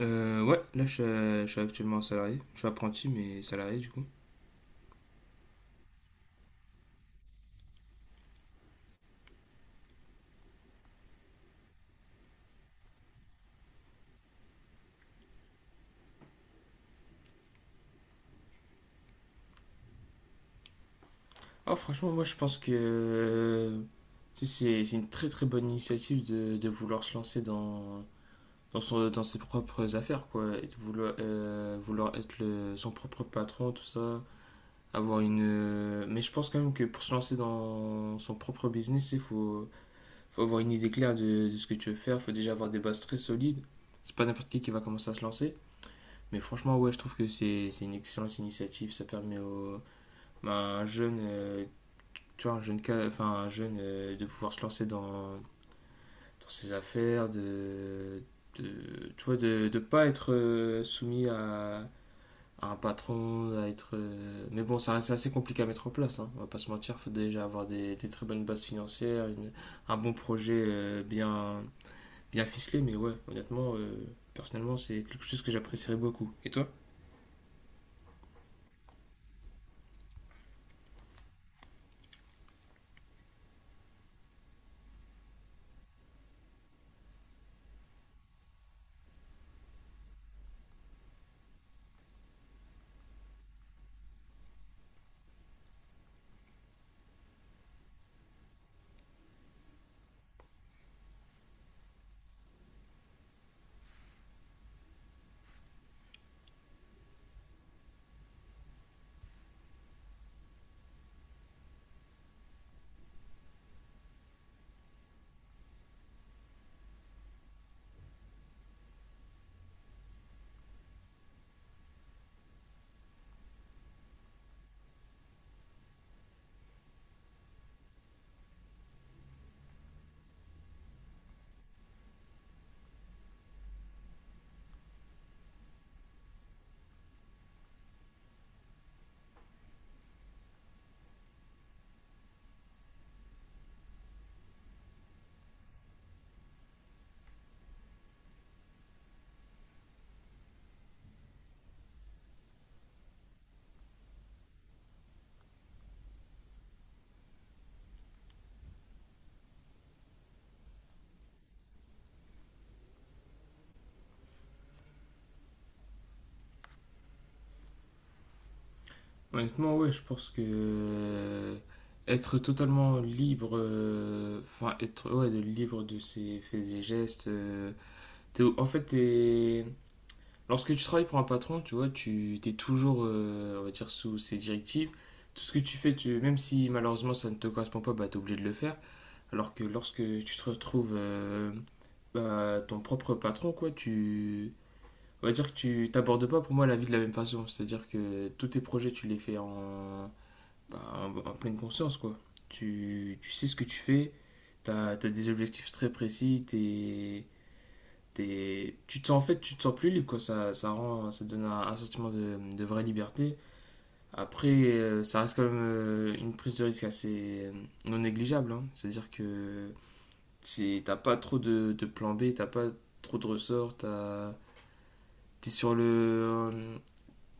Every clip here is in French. Ouais, là je suis actuellement salarié. Je suis apprenti, mais salarié du coup. Ah, franchement, moi je pense que tu sais, c'est une très très bonne initiative de vouloir se lancer dans ses propres affaires, quoi. Et de vouloir, vouloir être son propre patron, tout ça. Avoir une. Mais je pense quand même que pour se lancer dans son propre business, faut avoir une idée claire de ce que tu veux faire. Il faut déjà avoir des bases très solides. C'est pas n'importe qui va commencer à se lancer. Mais franchement, ouais, je trouve que c'est une excellente initiative. À un jeune, tu vois, un jeune, un jeune de pouvoir se lancer dans ses affaires, tu vois, de ne pas être soumis à un patron, à être. Mais bon, ça reste assez compliqué à mettre en place, hein, on va pas se mentir. Faut déjà avoir des très bonnes bases financières, un bon projet bien ficelé. Mais ouais, honnêtement, personnellement, c'est quelque chose que j'apprécierais beaucoup. Et toi? Honnêtement, ouais, je pense que être totalement libre, enfin être ouais, libre de ses faits et gestes. T'es- en fait, t'es- Lorsque tu travailles pour un patron, tu vois, tu t'es toujours, on va dire, sous ses directives. Tout ce que tu fais, même si malheureusement ça ne te correspond pas, bah, t'es obligé de le faire. Alors que lorsque tu te retrouves bah, ton propre patron, quoi, tu... On va dire que tu t'abordes pas pour moi la vie de la même façon. C'est-à-dire que tous tes projets, tu les fais en pleine conscience, quoi. Tu sais ce que tu fais, t'as des objectifs très précis, tu te sens en fait, tu te sens plus libre, quoi. Ça donne un sentiment de vraie liberté. Après, ça reste quand même une prise de risque assez non négligeable, hein. C'est-à-dire que t'as pas trop de plan B, t'as pas trop de ressorts, t'es sur le,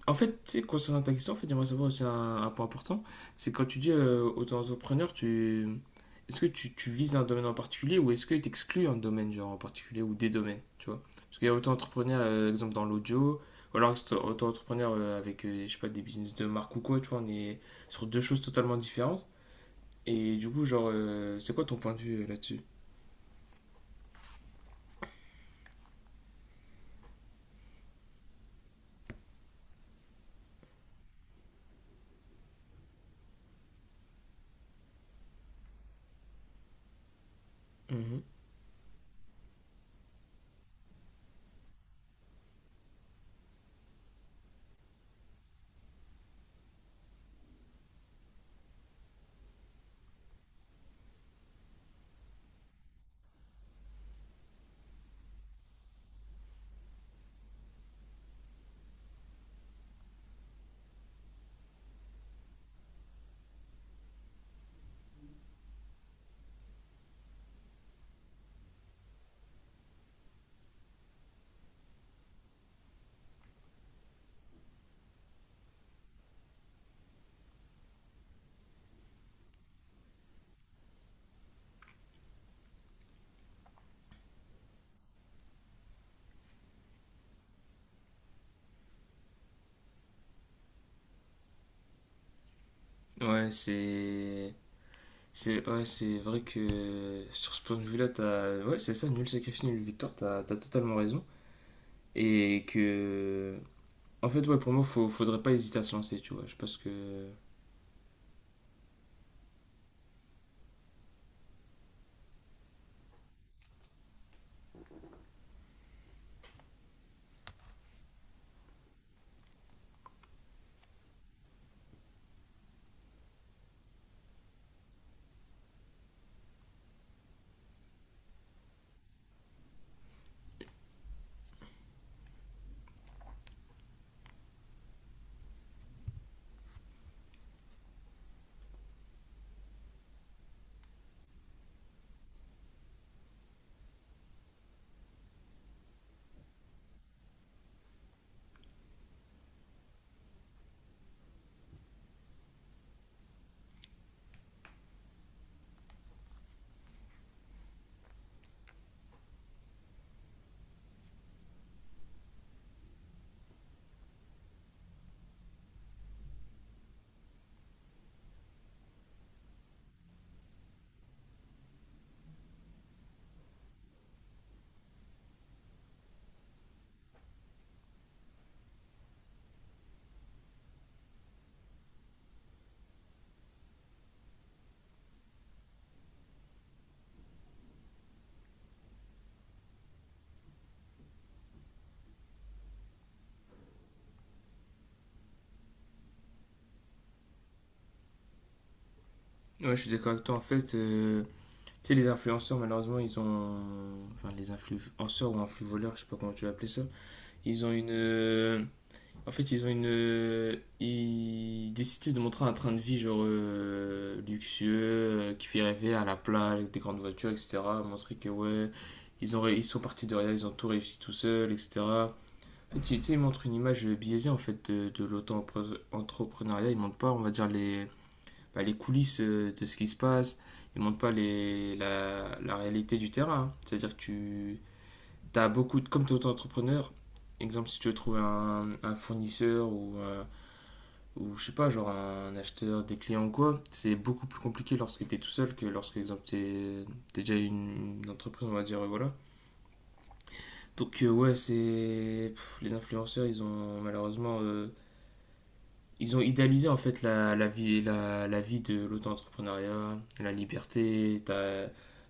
en fait, tu sais, concernant ta question, en fait, j'aimerais savoir aussi un point important. C'est quand tu dis auto-entrepreneur, tu... est-ce que tu vises un domaine en particulier ou est-ce que tu exclus un domaine genre en particulier ou des domaines, tu vois? Parce qu'il y a auto-entrepreneur, exemple, dans l'audio, ou alors c'est auto-entrepreneur avec, je sais pas, des business de marque ou quoi, tu vois, on est sur deux choses totalement différentes. Et du coup, genre, c'est quoi ton point de vue là-dessus? Mhm. Ouais, c'est... C'est ouais, c'est vrai que sur ce point de vue-là, t'as... Ouais, c'est ça, nul sacrifice, nulle victoire, t'as totalement raison. Et que... En fait, ouais, pour moi, faudrait pas hésiter à se lancer, tu vois. Je pense que... Ouais, je suis d'accord avec toi. En fait, tu sais, les influenceurs, malheureusement, ils ont... Enfin, les influenceurs ou influvoleurs, je sais pas comment tu vas appeler ça. Ils ont une... euh, Ils ont une. Ils décidaient de montrer un train de vie, genre luxueux, qui fait rêver à la plage, avec des grandes voitures, etc. Montrer que, ouais, ils sont partis de rien, ils ont tout réussi tout seuls, etc. En fait, tu sais, ils montrent une image biaisée en fait, de l'auto-entrepreneuriat. Ils montrent pas, on va dire, bah, les coulisses de ce qui se passe. Ils montrent pas la réalité du terrain, hein. C'est-à-dire que tu as beaucoup. De- Comme tu es auto-entrepreneur, exemple, si tu veux trouver un fournisseur ou je sais pas, genre un acheteur, des clients ou quoi, c'est beaucoup plus compliqué lorsque t'es tout seul que lorsque, exemple, t'es déjà une entreprise, on va dire, voilà. Donc, ouais, les influenceurs, ils ont malheureusement. Ils ont idéalisé en fait la vie, la vie de l'auto-entrepreneuriat, la liberté, t'as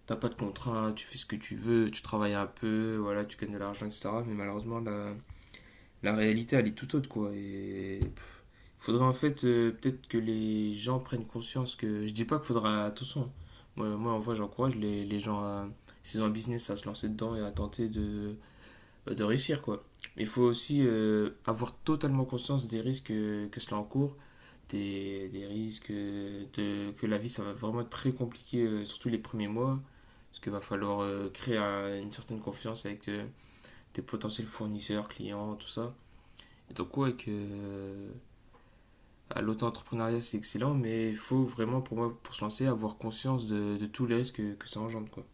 t'as pas de contraintes, tu fais ce que tu veux, tu travailles un peu, voilà, tu gagnes de l'argent, etc. Mais malheureusement, la réalité, elle est tout autre, quoi. Et faudrait en fait peut-être que les gens prennent conscience que je dis pas qu'il faudra attention. Moi en vrai j'encourage les gens à, s'ils ont un business à se lancer dedans et à tenter de, bah, de réussir quoi. Mais il faut aussi avoir totalement conscience des risques que cela encourt, des risques que la vie ça va vraiment être très compliqué, surtout les premiers mois, parce qu'il va falloir créer une certaine confiance avec tes potentiels fournisseurs, clients, tout ça. Et donc ouais que ah, l'auto-entrepreneuriat, c'est excellent, mais il faut vraiment, pour moi, pour se lancer, avoir conscience de tous les risques que ça engendre, quoi.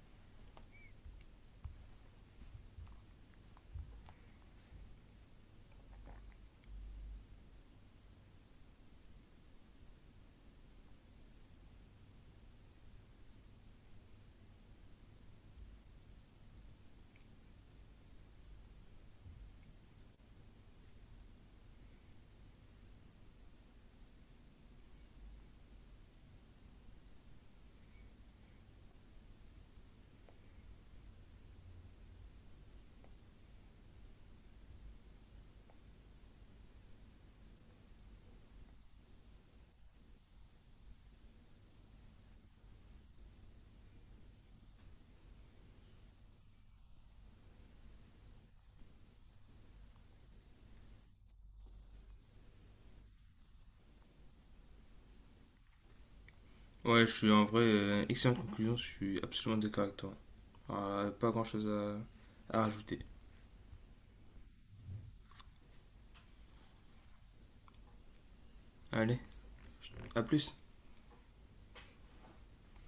Ouais, je suis en vrai, excellente conclusion, je suis absolument d'accord avec toi. Alors, pas grand chose à rajouter. Allez, à plus.